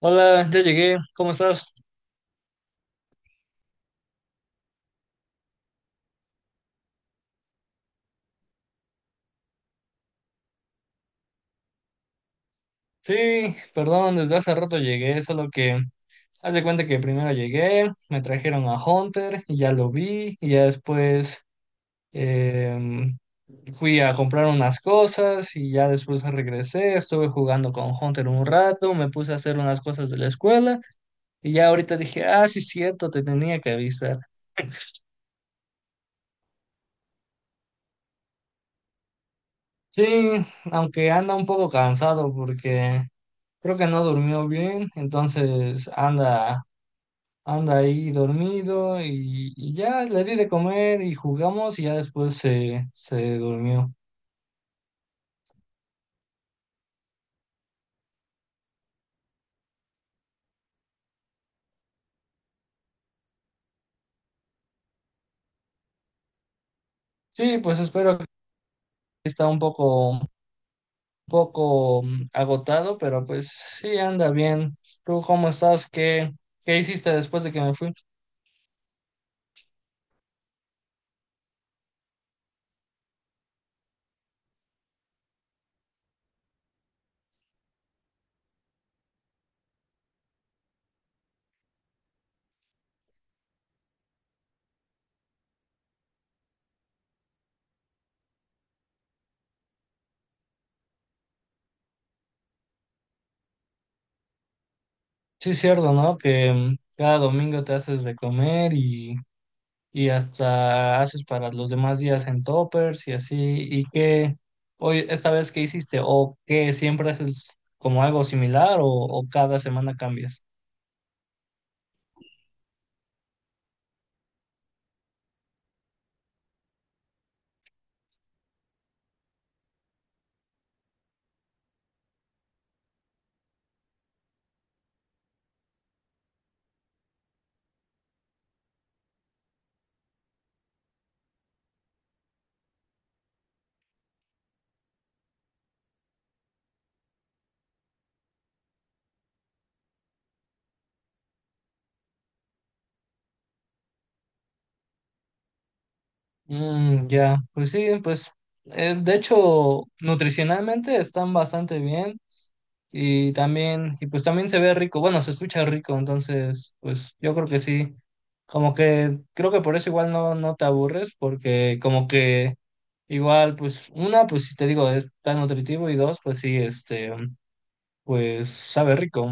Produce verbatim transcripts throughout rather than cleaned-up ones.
Hola, ya llegué, ¿cómo estás? Sí, perdón, desde hace rato llegué, solo que haz de cuenta que primero llegué, me trajeron a Hunter y ya lo vi, y ya después em, fui a comprar unas cosas y ya después regresé, estuve jugando con Hunter un rato, me puse a hacer unas cosas de la escuela y ya ahorita dije, ah, sí, cierto, te tenía que avisar. Sí, aunque anda un poco cansado porque creo que no durmió bien, entonces anda Anda ahí dormido y, y ya le di de comer y jugamos y ya después se, se durmió. Sí, pues espero que está un poco, un poco mm, agotado, pero pues sí anda bien. ¿Tú cómo estás? ¿Qué, qué hiciste después de que me fui? Sí, es cierto, ¿no? Que mm, cada domingo te haces de comer y y hasta haces para los demás días en toppers y así. ¿Y qué hoy, esta vez qué hiciste? ¿O qué siempre haces como algo similar o, o cada semana cambias? Mm, ya, pues sí, pues eh, de hecho nutricionalmente están bastante bien. Y también, y pues también se ve rico, bueno, se escucha rico. Entonces, pues yo creo que sí. Como que creo que por eso igual no, no te aburres, porque como que igual, pues, una, pues si te digo, es tan nutritivo, y dos, pues sí, este, pues sabe rico.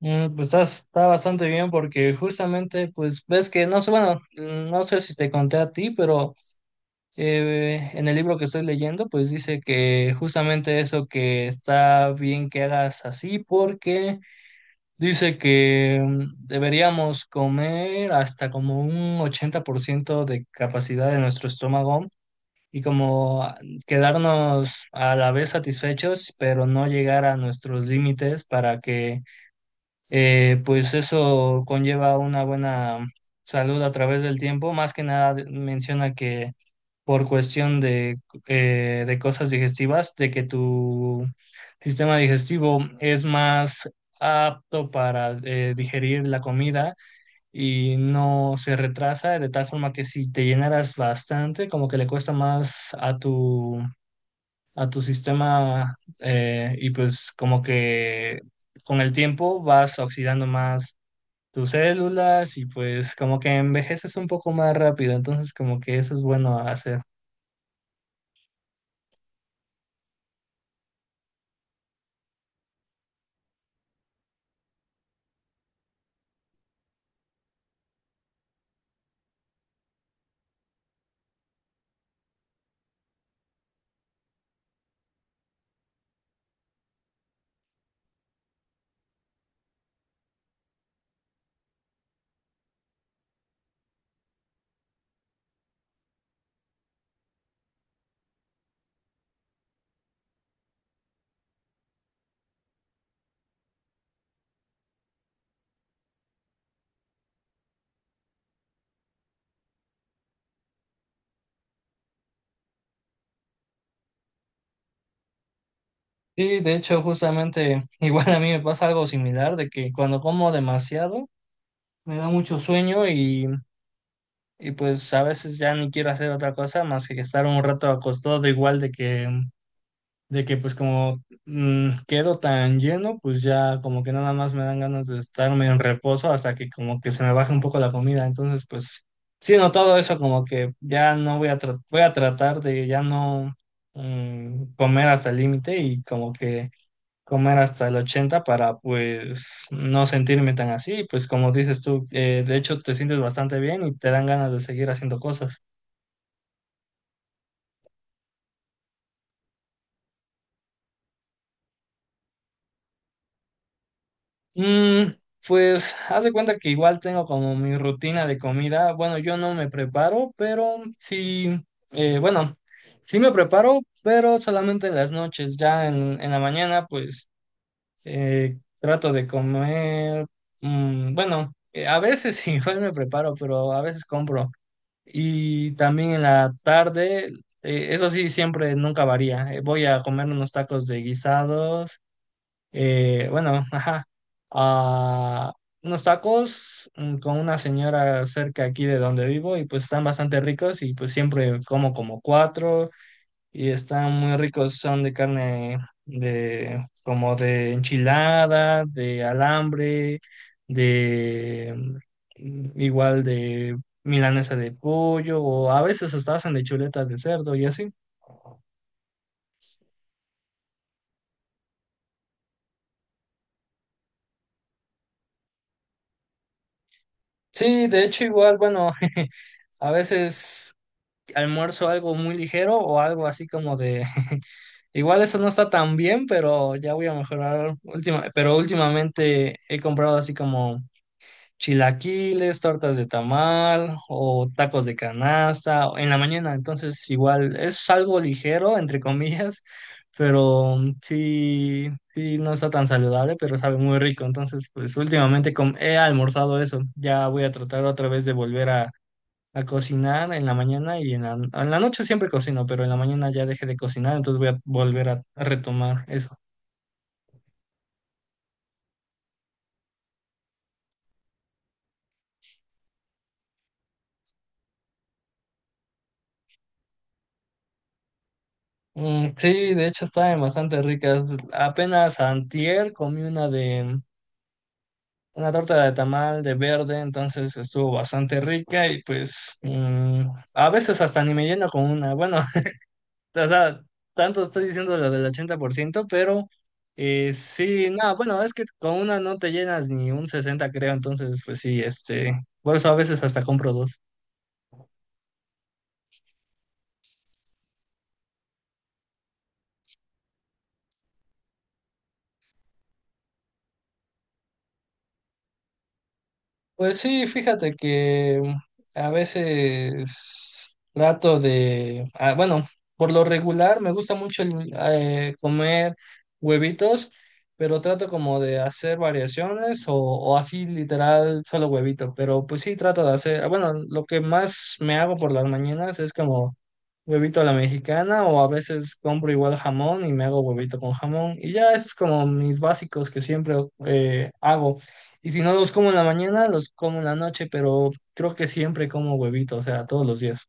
Mm, Pues está, está bastante bien porque justamente, pues ves que, no sé, bueno, mm, no sé si te conté a ti, pero eh, en el libro que estoy leyendo, pues dice que justamente eso que está bien que hagas así, porque dice que mm, deberíamos comer hasta como un ochenta por ciento de capacidad de nuestro estómago y como ah, quedarnos a la vez satisfechos, pero no llegar a nuestros límites, para que eh, pues eso conlleva una buena salud a través del tiempo. Más que nada menciona que por cuestión de, eh, de cosas digestivas, de que tu sistema digestivo es más apto para eh, digerir la comida y no se retrasa, de tal forma que si te llenaras bastante, como que le cuesta más a tu, a tu sistema, eh, y pues como que con el tiempo vas oxidando más tus células y pues como que envejeces un poco más rápido, entonces como que eso es bueno hacer. Sí, de hecho, justamente igual a mí me pasa algo similar, de que cuando como demasiado me da mucho sueño y, y pues a veces ya ni quiero hacer otra cosa más que estar un rato acostado, igual de que, de que pues como mm, quedo tan lleno, pues ya como que nada más me dan ganas de estarme en reposo hasta que como que se me baje un poco la comida. Entonces, pues sí he notado eso, como que ya no voy a, tra- voy a tratar de ya no mm, comer hasta el límite y como que comer hasta el ochenta para pues no sentirme tan así, pues como dices tú, eh, de hecho te sientes bastante bien y te dan ganas de seguir haciendo cosas. Mm, pues haz de cuenta que igual tengo como mi rutina de comida, bueno, yo no me preparo, pero sí, eh, bueno, sí me preparo, pero solamente en las noches. Ya en, en la mañana, pues eh, trato de comer, mm, bueno, eh, a veces igual me preparo, pero a veces compro. Y también en la tarde, eh, eso sí, siempre nunca varía. eh, voy a comer unos tacos de guisados. eh, bueno, ajá. ah, unos tacos mm, con una señora cerca aquí de donde vivo, y pues están bastante ricos, y pues siempre como como cuatro y están muy ricos. Son de carne, de como de enchilada, de alambre, de mm, igual de milanesa de pollo, o a veces hasta hacen de chuleta de cerdo y así. Sí, de hecho igual, bueno, a veces almuerzo algo muy ligero o algo así como de igual eso no está tan bien, pero ya voy a mejorar última, pero últimamente he comprado así como chilaquiles, tortas de tamal o tacos de canasta o en la mañana. Entonces, igual es algo ligero, entre comillas, pero mm, sí, sí no está tan saludable, pero sabe muy rico. Entonces, pues últimamente com- he almorzado eso. Ya voy a tratar otra vez de volver a, a cocinar en la mañana, y en la, en la noche siempre cocino, pero en la mañana ya dejé de cocinar, entonces voy a volver a a retomar eso. Mm, sí, de hecho estaban bastante ricas. Apenas antier comí una de, una torta de tamal de verde, entonces estuvo bastante rica, y pues mm, a veces hasta ni me lleno con una. Bueno, o sea, tanto estoy diciendo lo del ochenta por ciento, pero eh, sí, no, bueno, es que con una no te llenas ni un sesenta, creo, entonces pues sí, este, por eso a veces hasta compro dos. Pues sí, fíjate que mm, a veces trato de, ah, bueno, por lo regular me gusta mucho el- eh, comer huevitos, pero trato como de hacer variaciones o, o así literal solo huevito, pero pues sí trato de hacer, ah, bueno, lo que más me hago por las mañanas es como huevito a la mexicana, o a veces compro igual jamón y me hago huevito con jamón, y ya esos es como mis básicos que siempre eh, hago. Y si no los como en la mañana, los como en la noche, pero creo que siempre como huevito, o sea, todos los días.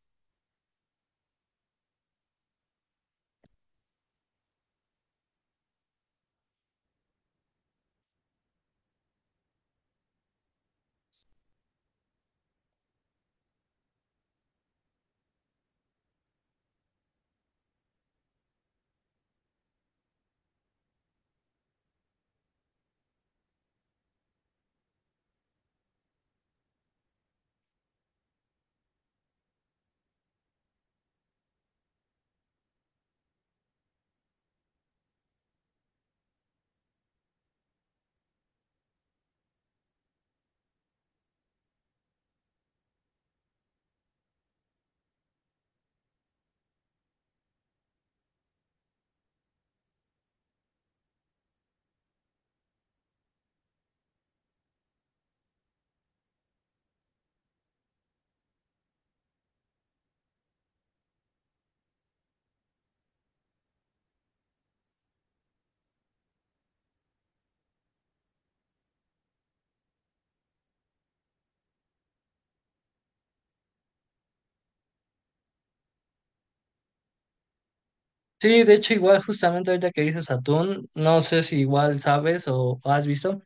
Sí, de hecho, igual justamente ahorita que dices atún, no sé si igual sabes o has visto,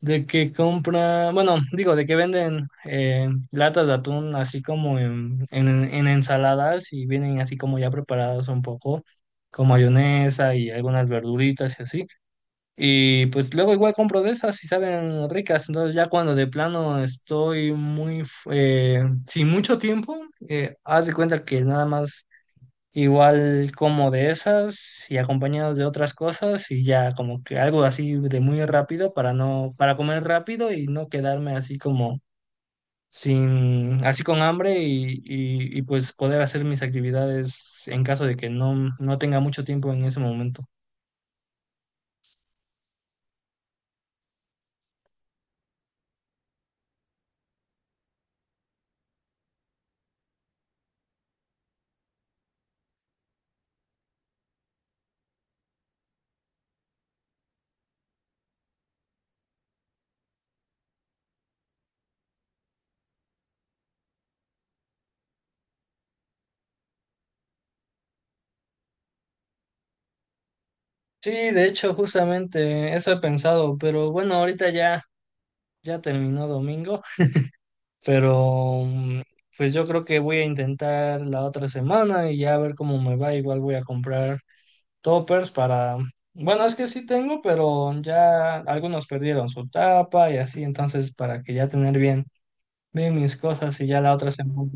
de que compra, bueno, digo, de que venden eh, latas de atún así como en, en, en ensaladas y vienen así como ya preparados un poco, con mayonesa y algunas verduritas y así. Y pues luego igual compro de esas y saben ricas. Entonces ya cuando de plano estoy muy f- eh, sin mucho tiempo, eh, haz de cuenta que nada más igual como de esas y acompañados de otras cosas y ya como que algo así de muy rápido para no, para comer rápido y no quedarme así como sin, así con hambre y, y, y pues poder hacer mis actividades en caso de que no, no tenga mucho tiempo en ese momento. Sí, de hecho, justamente eso he pensado, pero bueno, ahorita ya, ya terminó domingo, pero mm, pues yo creo que voy a intentar la otra semana y ya a ver cómo me va. Igual voy a comprar toppers para, bueno, es que sí tengo, pero ya algunos perdieron su tapa y así, entonces para que ya tener bien, bien mis cosas y ya la otra semana.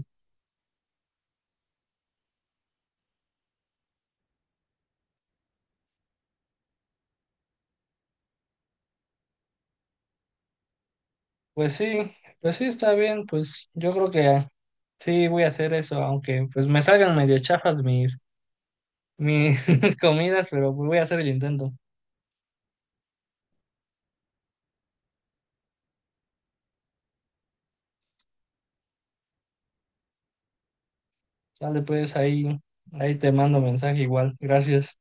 Pues sí, pues sí está bien, pues yo creo que sí voy a hacer eso, aunque pues me salgan medio chafas mis mis comidas, pero pues voy a hacer el intento. Sale, pues ahí, ahí te mando mensaje igual. Gracias.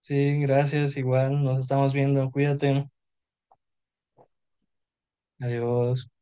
Sí, gracias igual. Nos estamos viendo. Cuídate. Adiós.